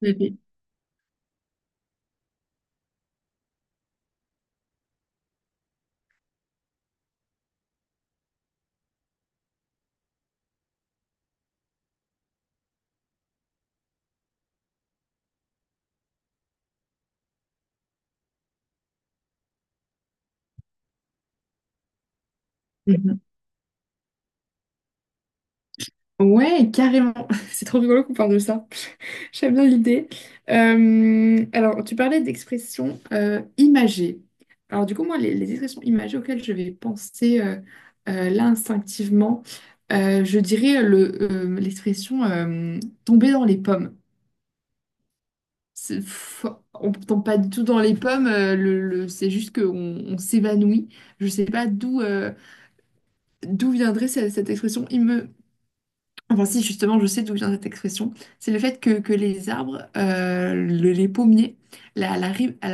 Bébé. Mhm. Ouais, carrément. C'est trop rigolo qu'on parle de ça. J'aime bien l'idée. Alors, tu parlais d'expressions imagées. Alors, du coup, moi, les expressions imagées auxquelles je vais penser là instinctivement, je dirais l'expression tomber dans les pommes. C'est- pff, on ne tombe pas du tout dans les pommes, c'est juste qu'on on s'évanouit. Je ne sais pas d'où d'où viendrait cette expression. Enfin, si, justement, je sais d'où vient cette expression. C'est le fait que les arbres, les pommiers, à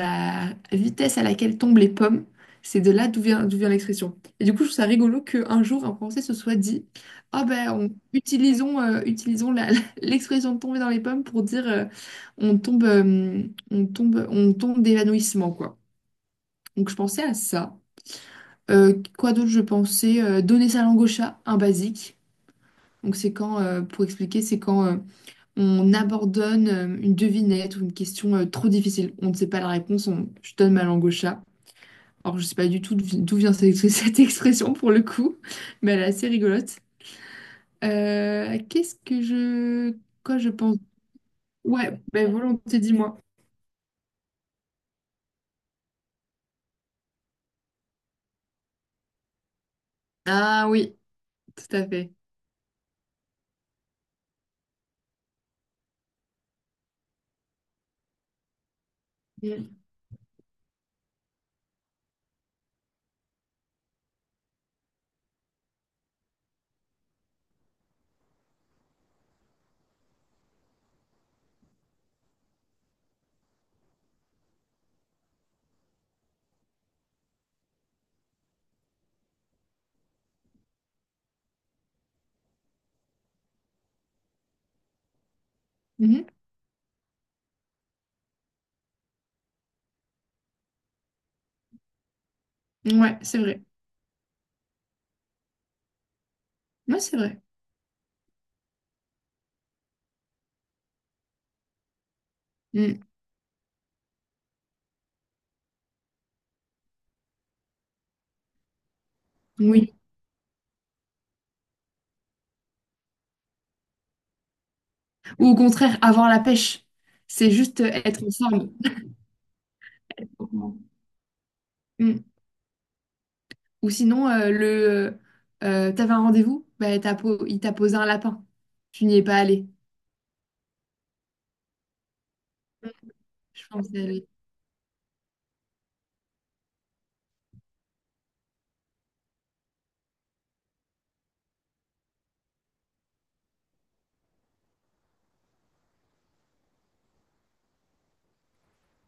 la vitesse à laquelle tombent les pommes, c'est de là d'où vient l'expression. Et du coup, je trouve ça rigolo qu'un jour, un Français se soit dit, utilisons, utilisons l'expression de tomber dans les pommes pour dire on tombe, on tombe d'évanouissement, quoi. Donc, je pensais à ça. Quoi d'autre, je pensais donner sa langue au chat, un basique. Donc, c'est quand, pour expliquer, c'est quand. On abandonne une devinette ou une question trop difficile. On ne sait pas la réponse, on... je donne ma langue au chat. Alors, je ne sais pas du tout d'où vient cette expression pour le coup, mais elle est assez rigolote. Euh, qu'est-ce que je... Quoi je pense? Ouais, ben volonté, dis-moi. Ah oui, tout à fait. Mm. Mhm. Ouais, c'est vrai. Moi, c'est vrai. Mm. Oui. Ou au contraire, avoir la pêche. C'est juste être en forme. Mm. Ou sinon, le t'avais un rendez-vous, bah, il t'a posé un lapin. Tu n'y es pas allé. Je pense que c'est-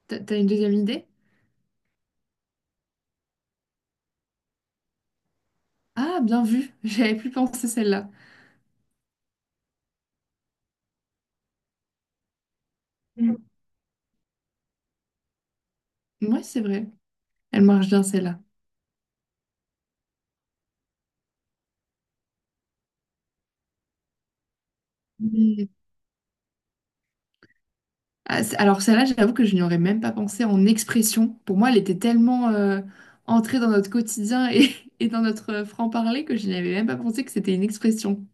t'as une deuxième idée? Ah, bien vu. J'avais plus pensé celle-là. Moi, c'est vrai. Elle marche bien, celle-là. Mm. Ah, c'est- Alors, celle-là, j'avoue que je n'y aurais même pas pensé en expression. Pour moi, elle était tellement entrée dans notre quotidien et, et dans notre franc-parler que je n'y avais même pas pensé que c'était une expression.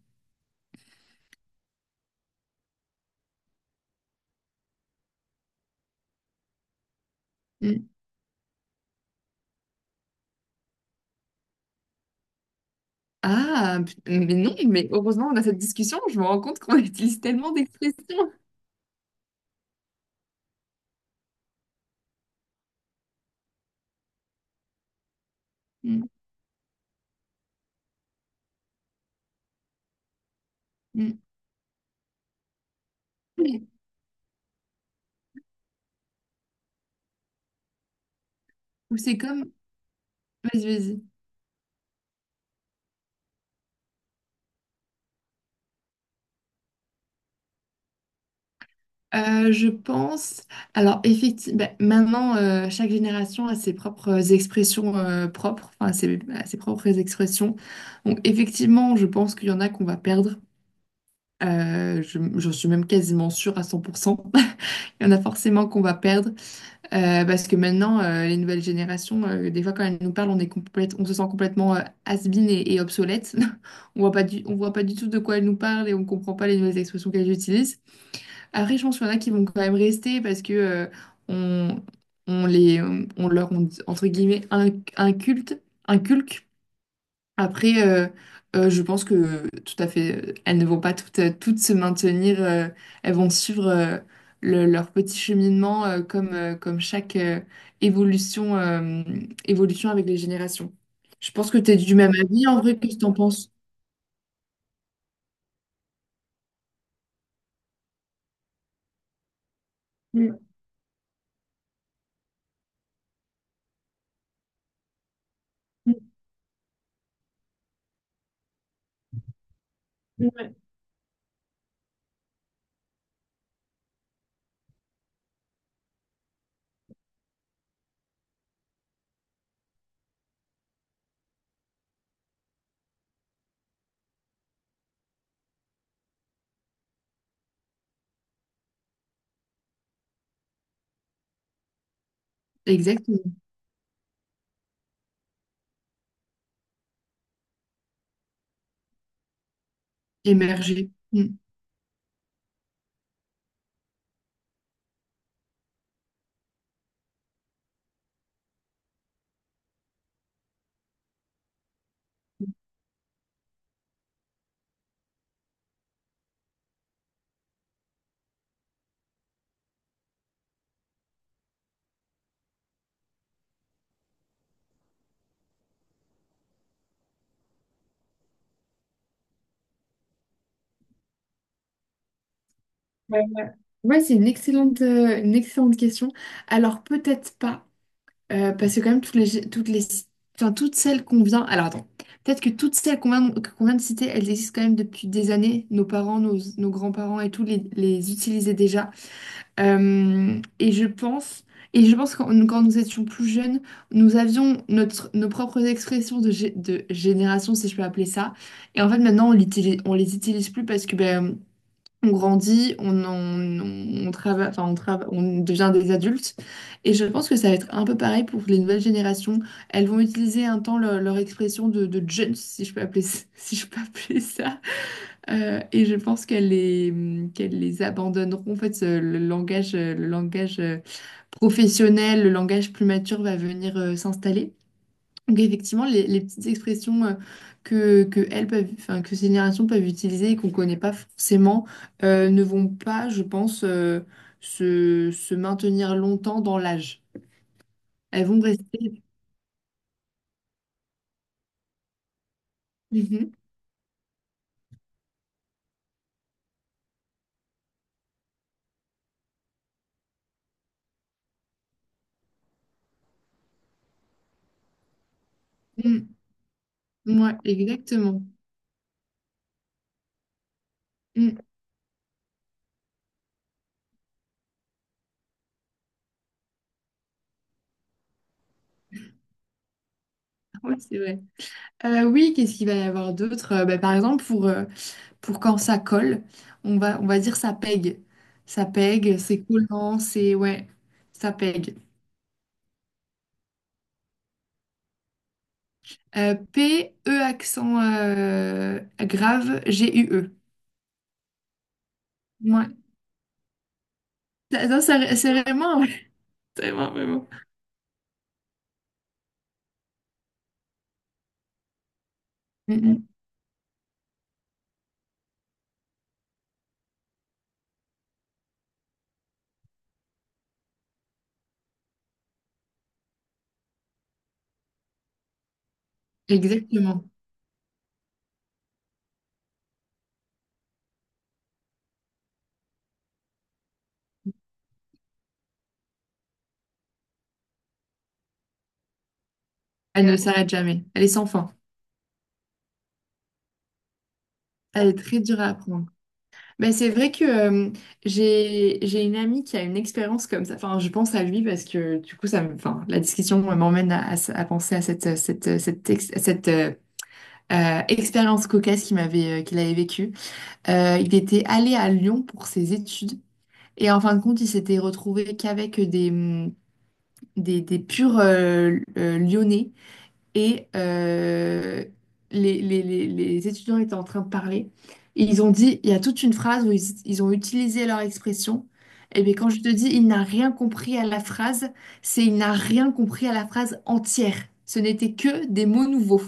Mm. Ah, mais non, mais heureusement, on a cette discussion. Je me rends compte qu'on utilise tellement d'expressions. Mm, mm. Ou c'est comme... Vas-y, vas-y. Je pense... Alors, effectivement, maintenant, chaque génération a ses propres expressions enfin, a ses propres expressions. Donc, effectivement, je pense qu'il y en a qu'on va perdre. J'en suis même quasiment sûre à 100%. Il y en a forcément qu'on va perdre. Parce que maintenant, les nouvelles générations, des fois quand elles nous parlent, on se sent complètement has-been et obsolète. On voit pas du tout de quoi elles nous parlent et on comprend pas les nouvelles expressions qu'elles utilisent. Après, je pense qu'il y en a qui vont quand même rester parce que on, on les, on leur, on- entre guillemets, inculque après, je pense que tout à fait, elles ne vont pas toutes, toutes se maintenir, elles vont suivre leur petit cheminement comme chaque évolution, évolution avec les générations. Je pense que tu es du même avis en vrai, qu'est-ce que tu en penses? Mm, mm. Ouais. Exactement. Émerger. Mm. Ouais. Ouais, c'est une excellente question. Alors peut-être pas. Parce que quand même, enfin, toutes celles qu'on vient... Alors attends, peut-être que toutes celles qu'on vient de citer, elles existent quand même depuis des années. Nos grands-parents et tout les utilisaient déjà. Euh, et je pense, et je pense que quand nous étions plus jeunes, nous avions nos propres expressions de, de génération, si je peux appeler ça. Et en fait, maintenant, on les utilise plus parce que ben, on grandit, enfin, on devient des adultes. Et je pense que ça va être un peu pareil pour les nouvelles générations. Elles vont utiliser un temps leur expression de jeunes, si je peux appeler, ça- si je peux appeler ça. Et je pense qu'elles les abandonneront. En fait, le langage professionnel, le langage plus mature va venir s'installer. Donc effectivement, les petites expressions que elles peuvent, enfin, que ces générations peuvent utiliser et qu'on ne connaît pas forcément ne vont pas, je pense, se maintenir longtemps dans l'âge. Elles vont rester. Mhm. Mm. Ouais, exactement. Mm. Oui, c'est vrai. Oui, qu'est-ce qu'il va y avoir d'autre? Bah, par exemple, pour quand ça colle, on va dire ça pègue. Ça pègue, c'est collant, c'est... Ouais, ça pègue. P, E accent grave, G, U, E. Ouais. Ça- non, ça- c'est vraiment, ouais. C'est vraiment, vraiment. Mm, mm. Exactement. Elle ne s'arrête jamais. Elle est sans fin. Elle est très dure à apprendre. Ben, c'est vrai que j'ai une amie qui a une expérience comme ça. Enfin, je pense à lui parce que du coup, ça me, enfin, la discussion m'emmène à penser à cette, expérience cocasse qu'il avait vécue. Il était allé à Lyon pour ses études. Et en fin de compte, il s'était retrouvé qu'avec des, des purs lyonnais. Et les étudiants étaient en train de parler. Et ils ont dit, il y a toute une phrase où ils ont utilisé leur expression. Et bien quand je te dis, il n'a rien compris à la phrase, c'est il n'a rien compris à la phrase entière. Ce n'était que des mots nouveaux.